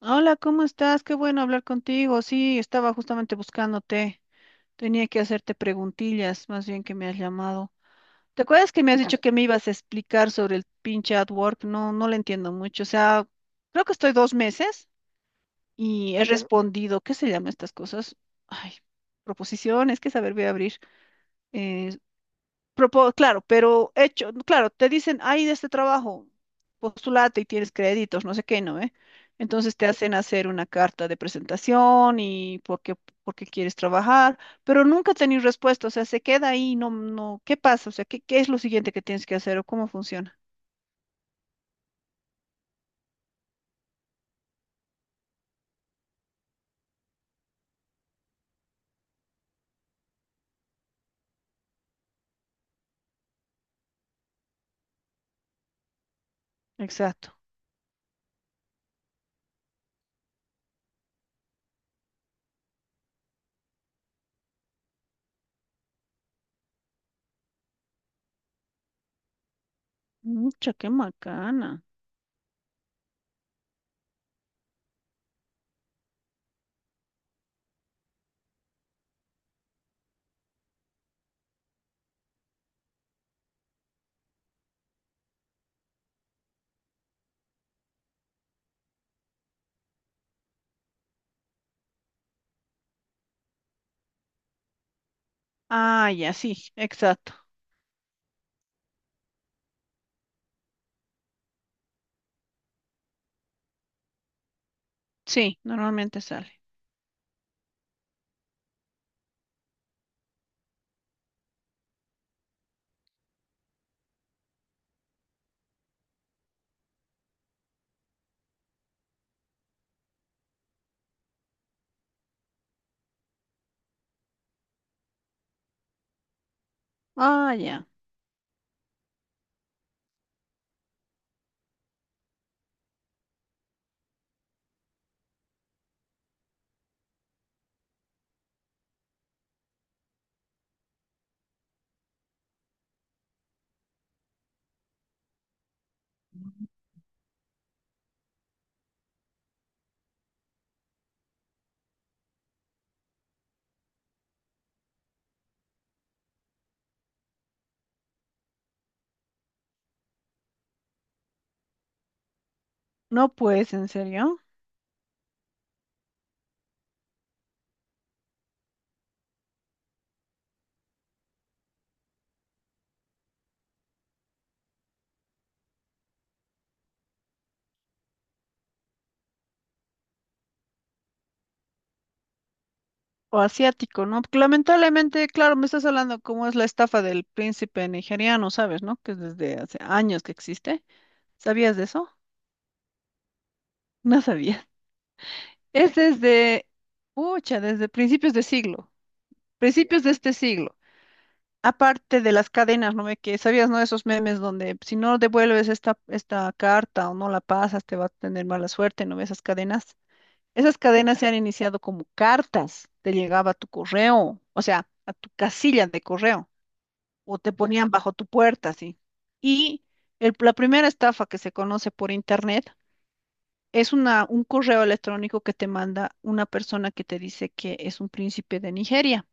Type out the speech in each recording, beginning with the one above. Hola, ¿cómo estás? Qué bueno hablar contigo. Sí, estaba justamente buscándote. Tenía que hacerte preguntillas, más bien que me has llamado. ¿Te acuerdas que me has dicho que me ibas a explicar sobre el pinche AdWork? No, no lo entiendo mucho. O sea, creo que estoy dos meses y he respondido, ¿qué se llaman estas cosas? Ay, proposiciones, ¿qué saber voy a abrir? eh, claro, pero hecho, claro, te dicen, hay de este trabajo, postulate y tienes créditos, no sé qué, ¿no? ¿Eh? Entonces te hacen hacer una carta de presentación y por qué quieres trabajar, pero nunca tenés respuesta, o sea, se queda ahí, no, no, ¿qué pasa? O sea, ¿qué es lo siguiente que tienes que hacer o cómo funciona? Exacto. Mucha, qué macana. Ah, ya, sí, exacto. Sí, normalmente sale. Ah, ya. No, pues, ¿en serio? O asiático, ¿no? Porque lamentablemente, claro, me estás hablando cómo es la estafa del príncipe nigeriano, ¿sabes, no? Que es desde hace años que existe. ¿Sabías de eso? No sabía. Es desde, pucha, desde principios de siglo, principios de este siglo. Aparte de las cadenas, ¿no? Ve que sabías, ¿no? Esos memes donde si no devuelves esta carta o no la pasas, te va a tener mala suerte, ¿no? Esas cadenas. Esas cadenas se han iniciado como cartas, te llegaba a tu correo, o sea, a tu casilla de correo. O te ponían bajo tu puerta, sí. Y la primera estafa que se conoce por internet es un correo electrónico que te manda una persona que te dice que es un príncipe de Nigeria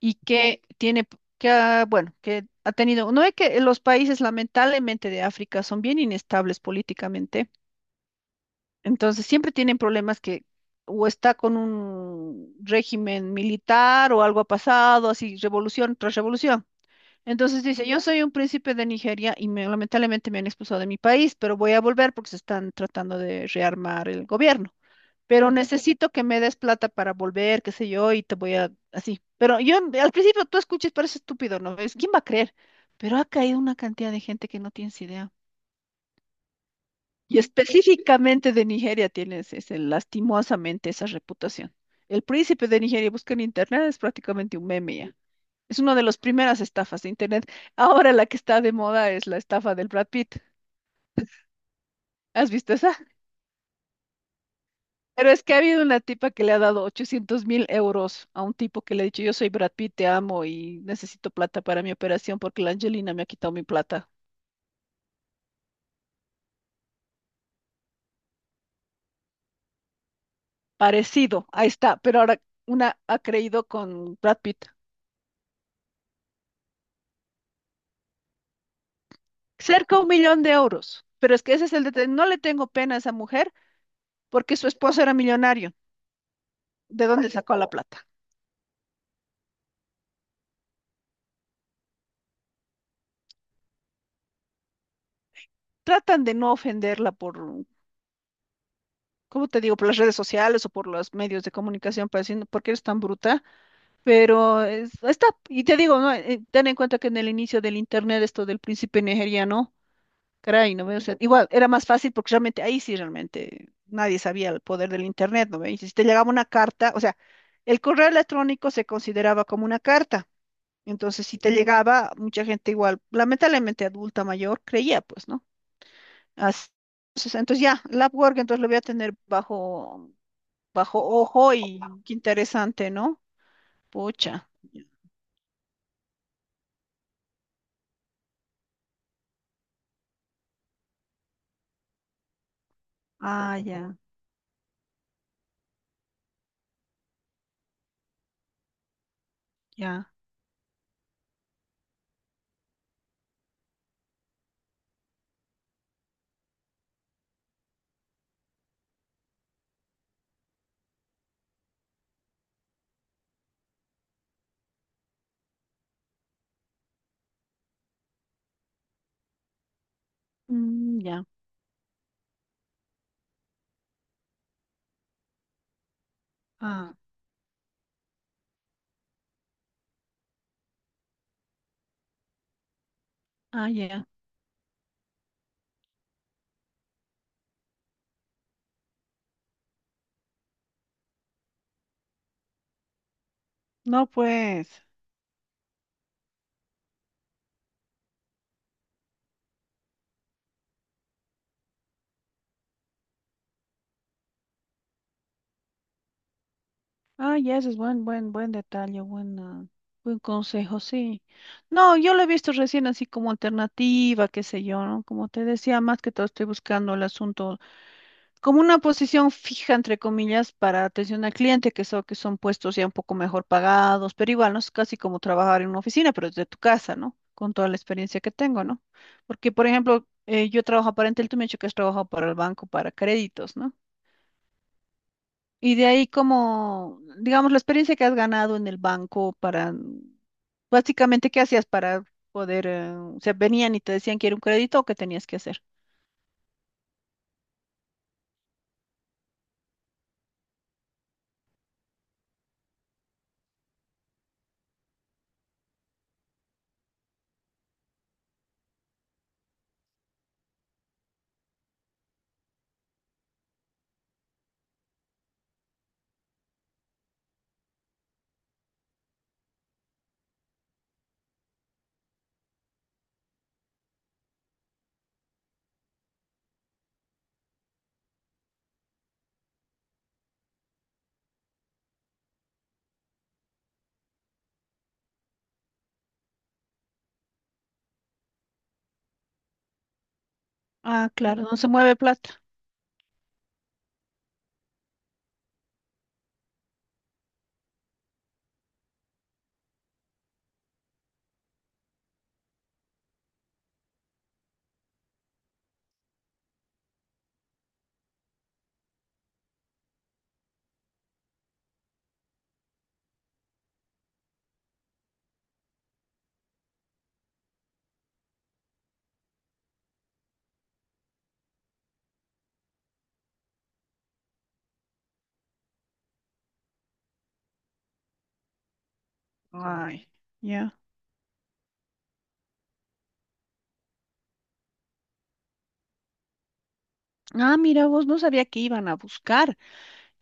y que tiene, que, bueno, que ha tenido, no es que los países lamentablemente de África son bien inestables políticamente, entonces siempre tienen problemas que o está con un régimen militar o algo ha pasado, así revolución tras revolución. Entonces dice, yo soy un príncipe de Nigeria y lamentablemente me han expulsado de mi país, pero voy a volver porque se están tratando de rearmar el gobierno. Pero necesito que me des plata para volver, qué sé yo, y te voy a así. Pero yo al principio tú escuchas, parece estúpido, ¿no ves? ¿Quién va a creer? Pero ha caído una cantidad de gente que no tienes idea. Y específicamente de Nigeria tienes ese, lastimosamente esa reputación. El príncipe de Nigeria busca en internet, es prácticamente un meme ya. Es una de las primeras estafas de Internet. Ahora la que está de moda es la estafa del Brad Pitt. ¿Has visto esa? Pero es que ha habido una tipa que le ha dado 800 mil euros a un tipo que le ha dicho, yo soy Brad Pitt, te amo y necesito plata para mi operación porque la Angelina me ha quitado mi plata. Parecido, ahí está. Pero ahora una ha creído con Brad Pitt. Cerca de un millón de euros. Pero es que ese es el detalle. No le tengo pena a esa mujer porque su esposo era millonario. ¿De dónde sacó la plata? Tratan de no ofenderla por, ¿cómo te digo? Por las redes sociales o por los medios de comunicación, pareciendo, porque eres tan bruta, pero está, y te digo, ¿no? Ten en cuenta que en el inicio del internet, esto del príncipe nigeriano, caray, ¿no ve? O sea, igual era más fácil porque realmente ahí sí realmente nadie sabía el poder del internet, ¿no ve? Y si te llegaba una carta, o sea, el correo electrónico se consideraba como una carta. Entonces, si te llegaba, mucha gente igual, lamentablemente adulta mayor, creía, pues, ¿no? Así entonces ya, el Upwork entonces lo voy a tener bajo ojo y qué interesante, ¿no? Pucha. Ah, ya, ya. Mm, ya. Ah, ah, ya. No, pues. Ah, ya, ese es buen detalle, buen consejo, sí. No, yo lo he visto recién así como alternativa, qué sé yo, ¿no? Como te decía, más que todo estoy buscando el asunto como una posición fija, entre comillas, para atención al cliente, que son puestos ya un poco mejor pagados, pero igual no es casi como trabajar en una oficina, pero desde tu casa, ¿no? Con toda la experiencia que tengo, ¿no? Porque, por ejemplo, yo trabajo para Entel, tú me has dicho que has trabajado para el banco, para créditos, ¿no? Y de ahí como, digamos, la experiencia que has ganado en el banco para, básicamente, ¿qué hacías para poder, o sea, venían y te decían que era un crédito o qué tenías que hacer? Ah, claro, no se mueve plata. Ay, ya. Ah, mira, vos no sabía que iban a buscar.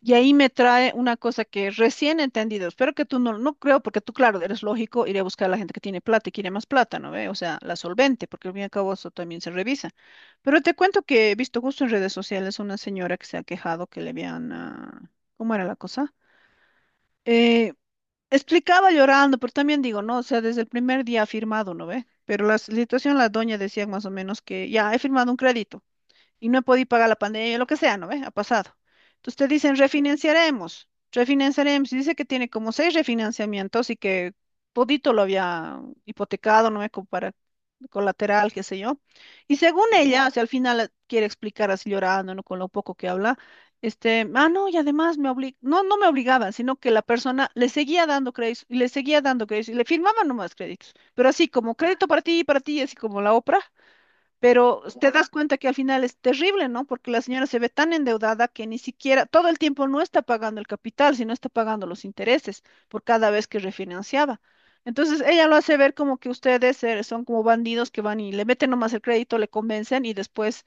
Y ahí me trae una cosa que recién he entendido. Espero que tú no, no creo, porque tú, claro, eres lógico, iré a buscar a la gente que tiene plata y quiere más plata, ¿no ve? O sea, la solvente, porque al fin y al cabo eso también se revisa. Pero te cuento que he visto justo en redes sociales una señora que se ha quejado que le habían, ah, ¿cómo era la cosa? Eh, Explicaba llorando, pero también digo, no, o sea, desde el primer día ha firmado, ¿no ve? Pero la situación, la doña decía más o menos que ya he firmado un crédito y no he podido pagar la pandemia, lo que sea, ¿no ve? Ha pasado. Entonces te dicen, refinanciaremos, refinanciaremos. Y dice que tiene como seis refinanciamientos y que todito lo había hipotecado, ¿no ve? Como para colateral, qué sé yo. Y según ella, o sea, al final quiere explicar así llorando, ¿no? Con lo poco que habla. Este, ah, no, y además no, no me obligaban, sino que la persona le seguía dando créditos y le seguía dando créditos y le firmaban nomás créditos, pero así como crédito para ti y para ti, así como la Oprah, pero te das cuenta que al final es terrible, ¿no? Porque la señora se ve tan endeudada que ni siquiera todo el tiempo no está pagando el capital, sino está pagando los intereses por cada vez que refinanciaba. Entonces ella lo hace ver como que ustedes son como bandidos que van y le meten nomás el crédito, le convencen y después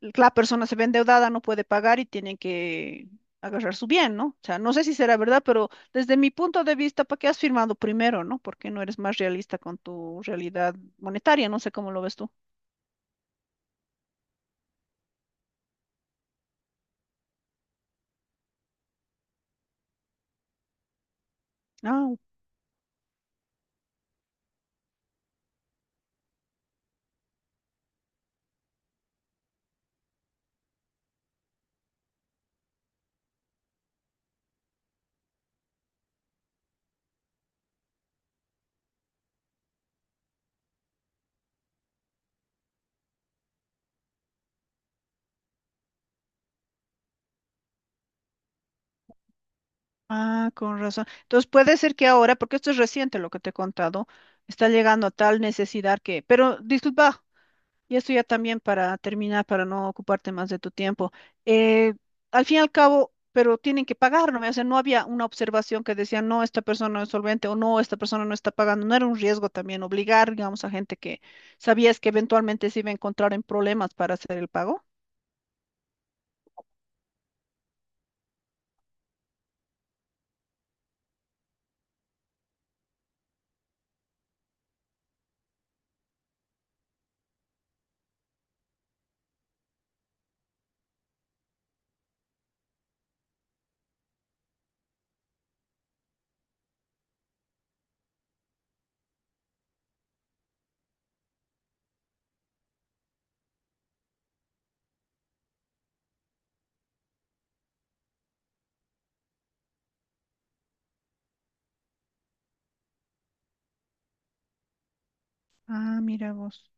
la persona se ve endeudada, no puede pagar y tienen que agarrar su bien, ¿no? O sea, no sé si será verdad, pero desde mi punto de vista, ¿para qué has firmado primero, no? Porque no eres más realista con tu realidad monetaria, no sé cómo lo ves tú. Ah, ah, con razón. Entonces puede ser que ahora, porque esto es reciente lo que te he contado, está llegando a tal necesidad que, pero disculpa, y esto ya también para terminar, para no ocuparte más de tu tiempo. eh, al fin y al cabo, pero tienen que pagar, ¿no? O sea, no había una observación que decía, no, esta persona no es solvente o no, esta persona no está pagando. No era un riesgo también obligar, digamos, a gente que sabías que eventualmente se iba a encontrar en problemas para hacer el pago. Ah, mira vos.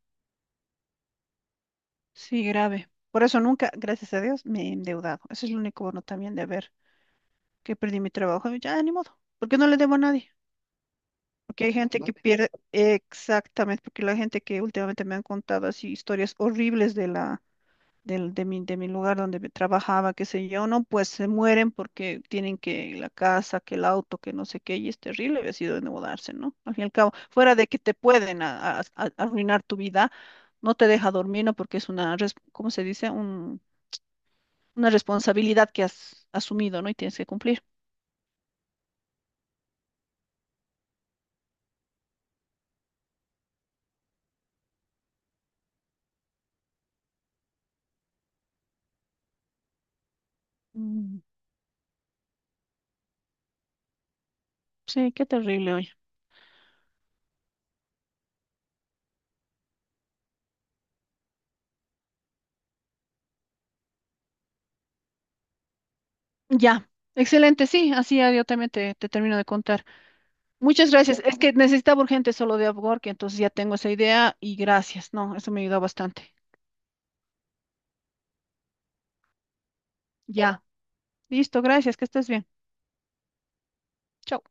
Sí, grave. Por eso nunca, gracias a Dios, me he endeudado. Ese es el único bono también de ver que perdí mi trabajo. Ya, ni modo, porque no le debo a nadie. Porque hay gente no que pierde, exactamente, porque la gente que últimamente me han contado así historias horribles de la, del, de mi lugar donde me trabajaba, qué sé yo, no, pues se mueren porque tienen que la casa, que el auto, que no sé qué, y es terrible haber sido endeudarse, ¿no? Al fin y al cabo, fuera de que te pueden arruinar tu vida, no te deja dormir, ¿no? Porque es una, ¿cómo se dice? Un una responsabilidad que has asumido, ¿no? Y tienes que cumplir. Mm, sí, qué terrible hoy. Ya, excelente, sí, así ya yo también te termino de contar. Muchas gracias. Es que necesitaba urgente solo de que entonces ya tengo esa idea y gracias, no, eso me ayudó bastante. Ya, listo, gracias, que estés bien. Chao.